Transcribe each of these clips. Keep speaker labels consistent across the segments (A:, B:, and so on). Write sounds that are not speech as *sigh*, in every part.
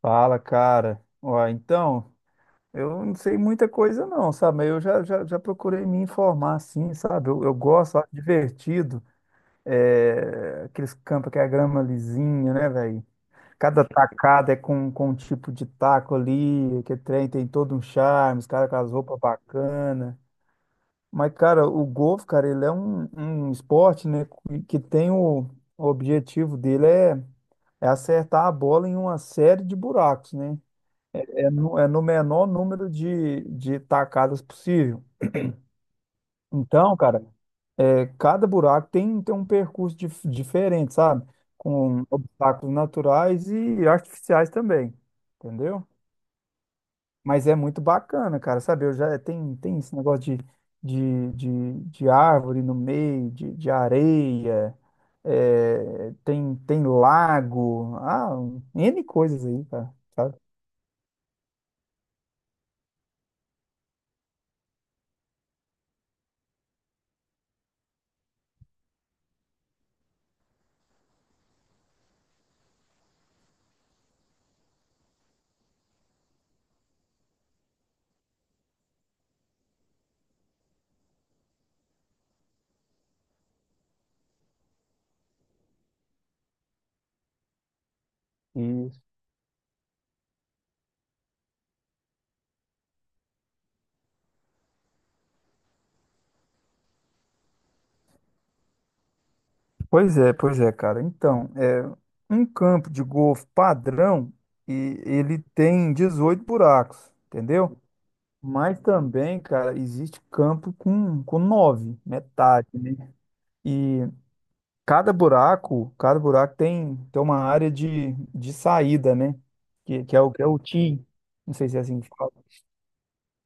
A: Fala, cara. Ó, então, eu não sei muita coisa não, sabe? Mas eu já procurei me informar, assim, sabe? Eu gosto, acho divertido. É, aqueles campos que é a grama lisinha, né, velho? Cada tacada é com um tipo de taco ali, que é trem tem todo um charme, os caras com as roupas bacanas. Mas, cara, o golfe, cara, ele é um esporte, né, que tem o objetivo dele é acertar a bola em uma série de buracos, né? É no menor número de tacadas possível. Então, cara, cada buraco tem um percurso diferente, sabe? Com obstáculos naturais e artificiais também, entendeu? Mas é muito bacana, cara, sabe? Eu já tem esse negócio de árvore no meio, de areia, tem lago, um N coisas aí, cara, sabe? E pois é, pois é, cara. Então, um campo de golfe padrão e ele tem 18 buracos, entendeu? Mas também, cara, existe campo com nove, metade, né? E cada buraco tem uma área de saída, né? Que é o tee, não sei se é assim que fala.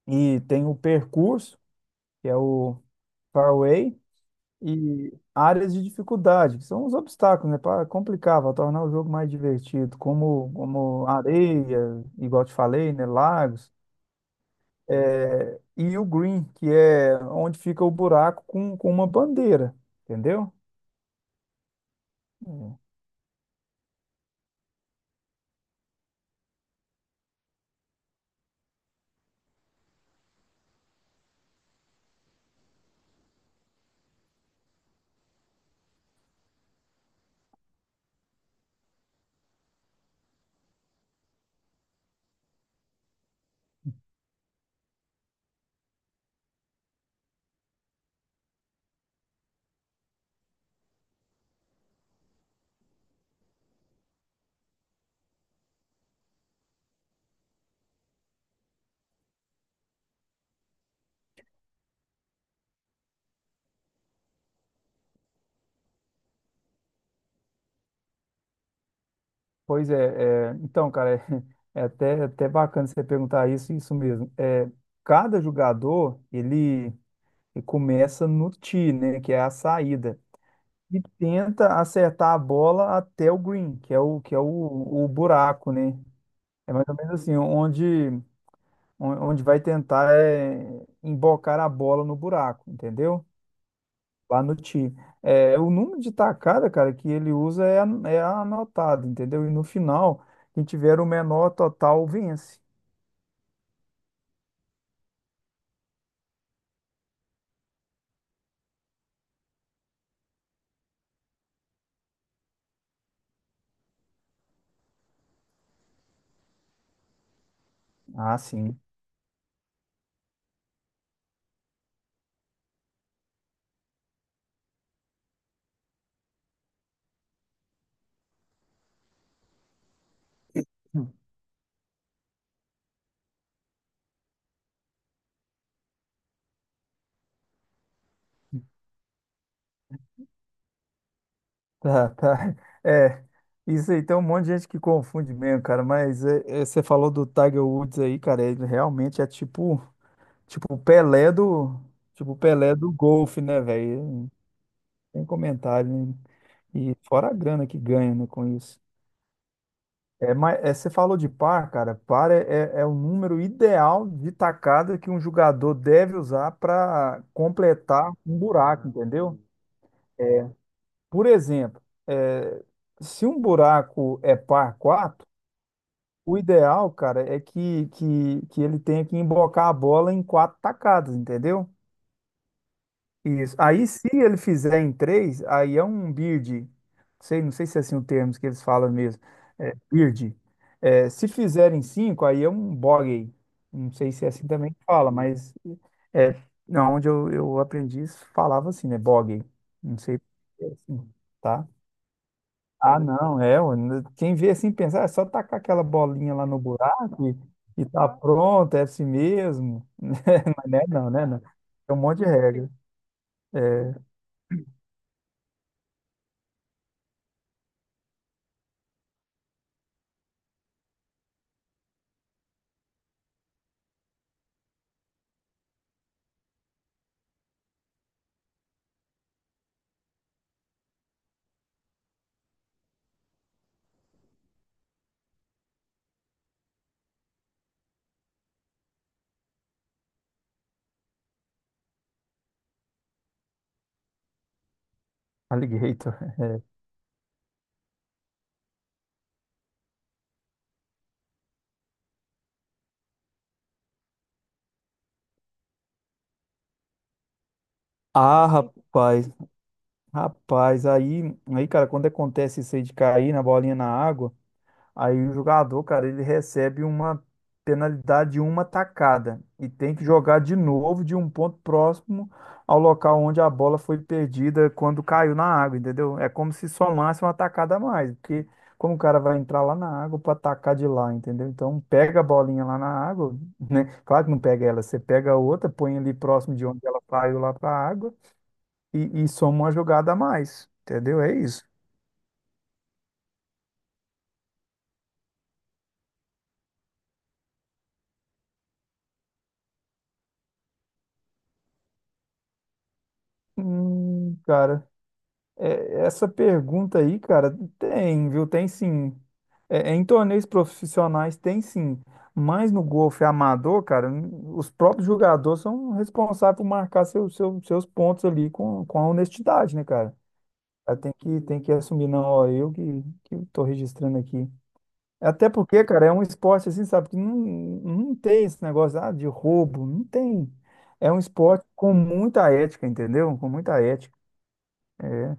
A: E tem o percurso, que é o fairway, e áreas de dificuldade, que são os obstáculos, né, para complicar, para tornar o jogo mais divertido, como areia, igual eu te falei, né, lagos, e o green, que é onde fica o buraco com uma bandeira, entendeu? Hum. Pois é, então, cara, *laughs* até bacana você perguntar isso, isso mesmo. É, cada jogador, ele começa no tee, né, que é a saída. E tenta acertar a bola até o green, que é o buraco, né? É mais ou menos assim, onde vai tentar embocar a bola no buraco, entendeu? Lá no tee. É, o número de tacada, cara, que ele usa é anotado, entendeu? E no final, quem tiver o menor total vence. Ah, sim. *laughs* Hum. Tá, tá. É, isso aí tem um monte de gente que confunde mesmo, cara, mas você falou do Tiger Woods aí, cara, ele realmente é tipo. Tipo, o Pelé do. Tipo, o Pelé do golfe, né, velho? Tem comentário, né? E fora a grana que ganha, né, com isso. É, mas você falou de par, cara. Par é o número ideal de tacada que um jogador deve usar para completar um buraco, entendeu? Por exemplo, é, se um buraco é par 4, o ideal, cara, é que ele tenha que embocar a bola em quatro tacadas, entendeu? Isso. Aí, se ele fizer em três, aí é um bird. Sei, não sei se é assim o termo que eles falam mesmo. É, bird. É, se fizer em cinco, aí é um bogey. Não sei se é assim também que fala, mas é, não, onde eu aprendi, isso falava assim, né? Bogey. Não sei se é assim, tá? Ah, não, é. Ó, quem vê assim pensar, é só tacar aquela bolinha lá no buraco e tá pronto, é assim mesmo. *laughs* Mas não é não, né? Não. Tem um monte de regra. É. Alligator. *laughs* É. Ah, rapaz, rapaz, aí, aí, cara, quando acontece isso aí de cair na bolinha na água, aí o jogador, cara, ele recebe uma penalidade de uma tacada e tem que jogar de novo de um ponto próximo ao local onde a bola foi perdida quando caiu na água, entendeu? É como se somasse uma tacada a mais, porque como o cara vai entrar lá na água para atacar de lá, entendeu? Então pega a bolinha lá na água, né? Claro que não pega ela, você pega a outra, põe ali próximo de onde ela caiu lá para a água e soma uma jogada a mais, entendeu? É isso. Cara. É, essa pergunta aí, cara, tem, viu? Tem sim. Em torneios profissionais tem sim. Mas no golfe amador, cara, os próprios jogadores são responsáveis por marcar seus pontos ali com a honestidade, né, cara? Aí tem que assumir, não, ó, eu que tô registrando aqui. Até porque, cara, é um esporte assim, sabe, que não tem esse negócio de roubo, não tem. É um esporte com muita ética, entendeu? Com muita ética. É,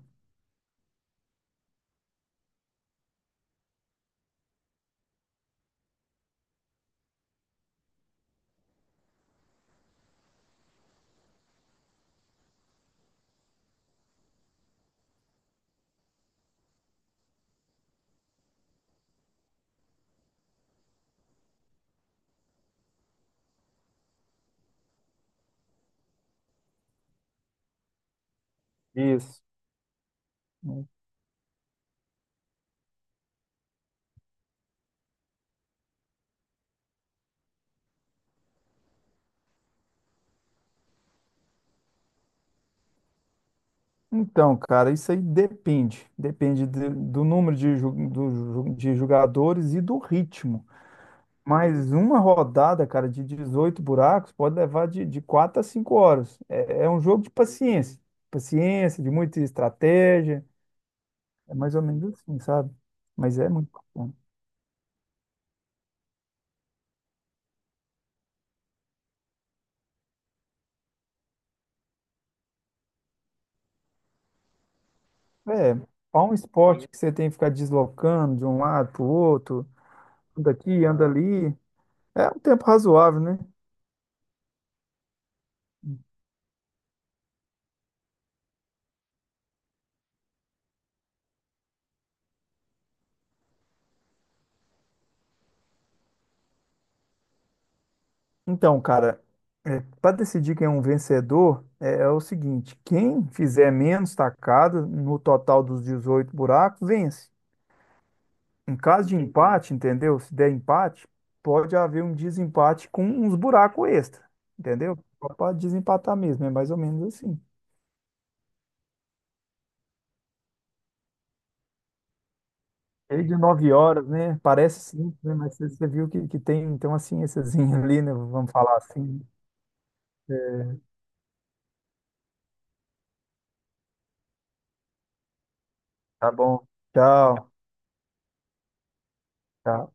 A: isso. Então, cara, isso aí depende. Depende do número de jogadores e do ritmo. Mas uma rodada, cara, de 18 buracos pode levar de 4 a 5 horas. É um jogo de paciência. Paciência, de muita estratégia. É mais ou menos assim, sabe? Mas é muito bom. É, há um esporte que você tem que ficar deslocando de um lado para o outro, anda aqui, anda ali. É um tempo razoável, né? Então, cara, para decidir quem é um vencedor, é o seguinte: quem fizer menos tacadas no total dos 18 buracos, vence. Em caso de empate, entendeu? Se der empate, pode haver um desempate com uns buracos extra, entendeu? Só para desempatar mesmo, é mais ou menos assim. Lei de 9 horas, né? Parece simples, né? Mas você viu que tem, então uma ciênciazinha *laughs* ali, né? Vamos falar assim. Tá bom. Tchau. Tchau.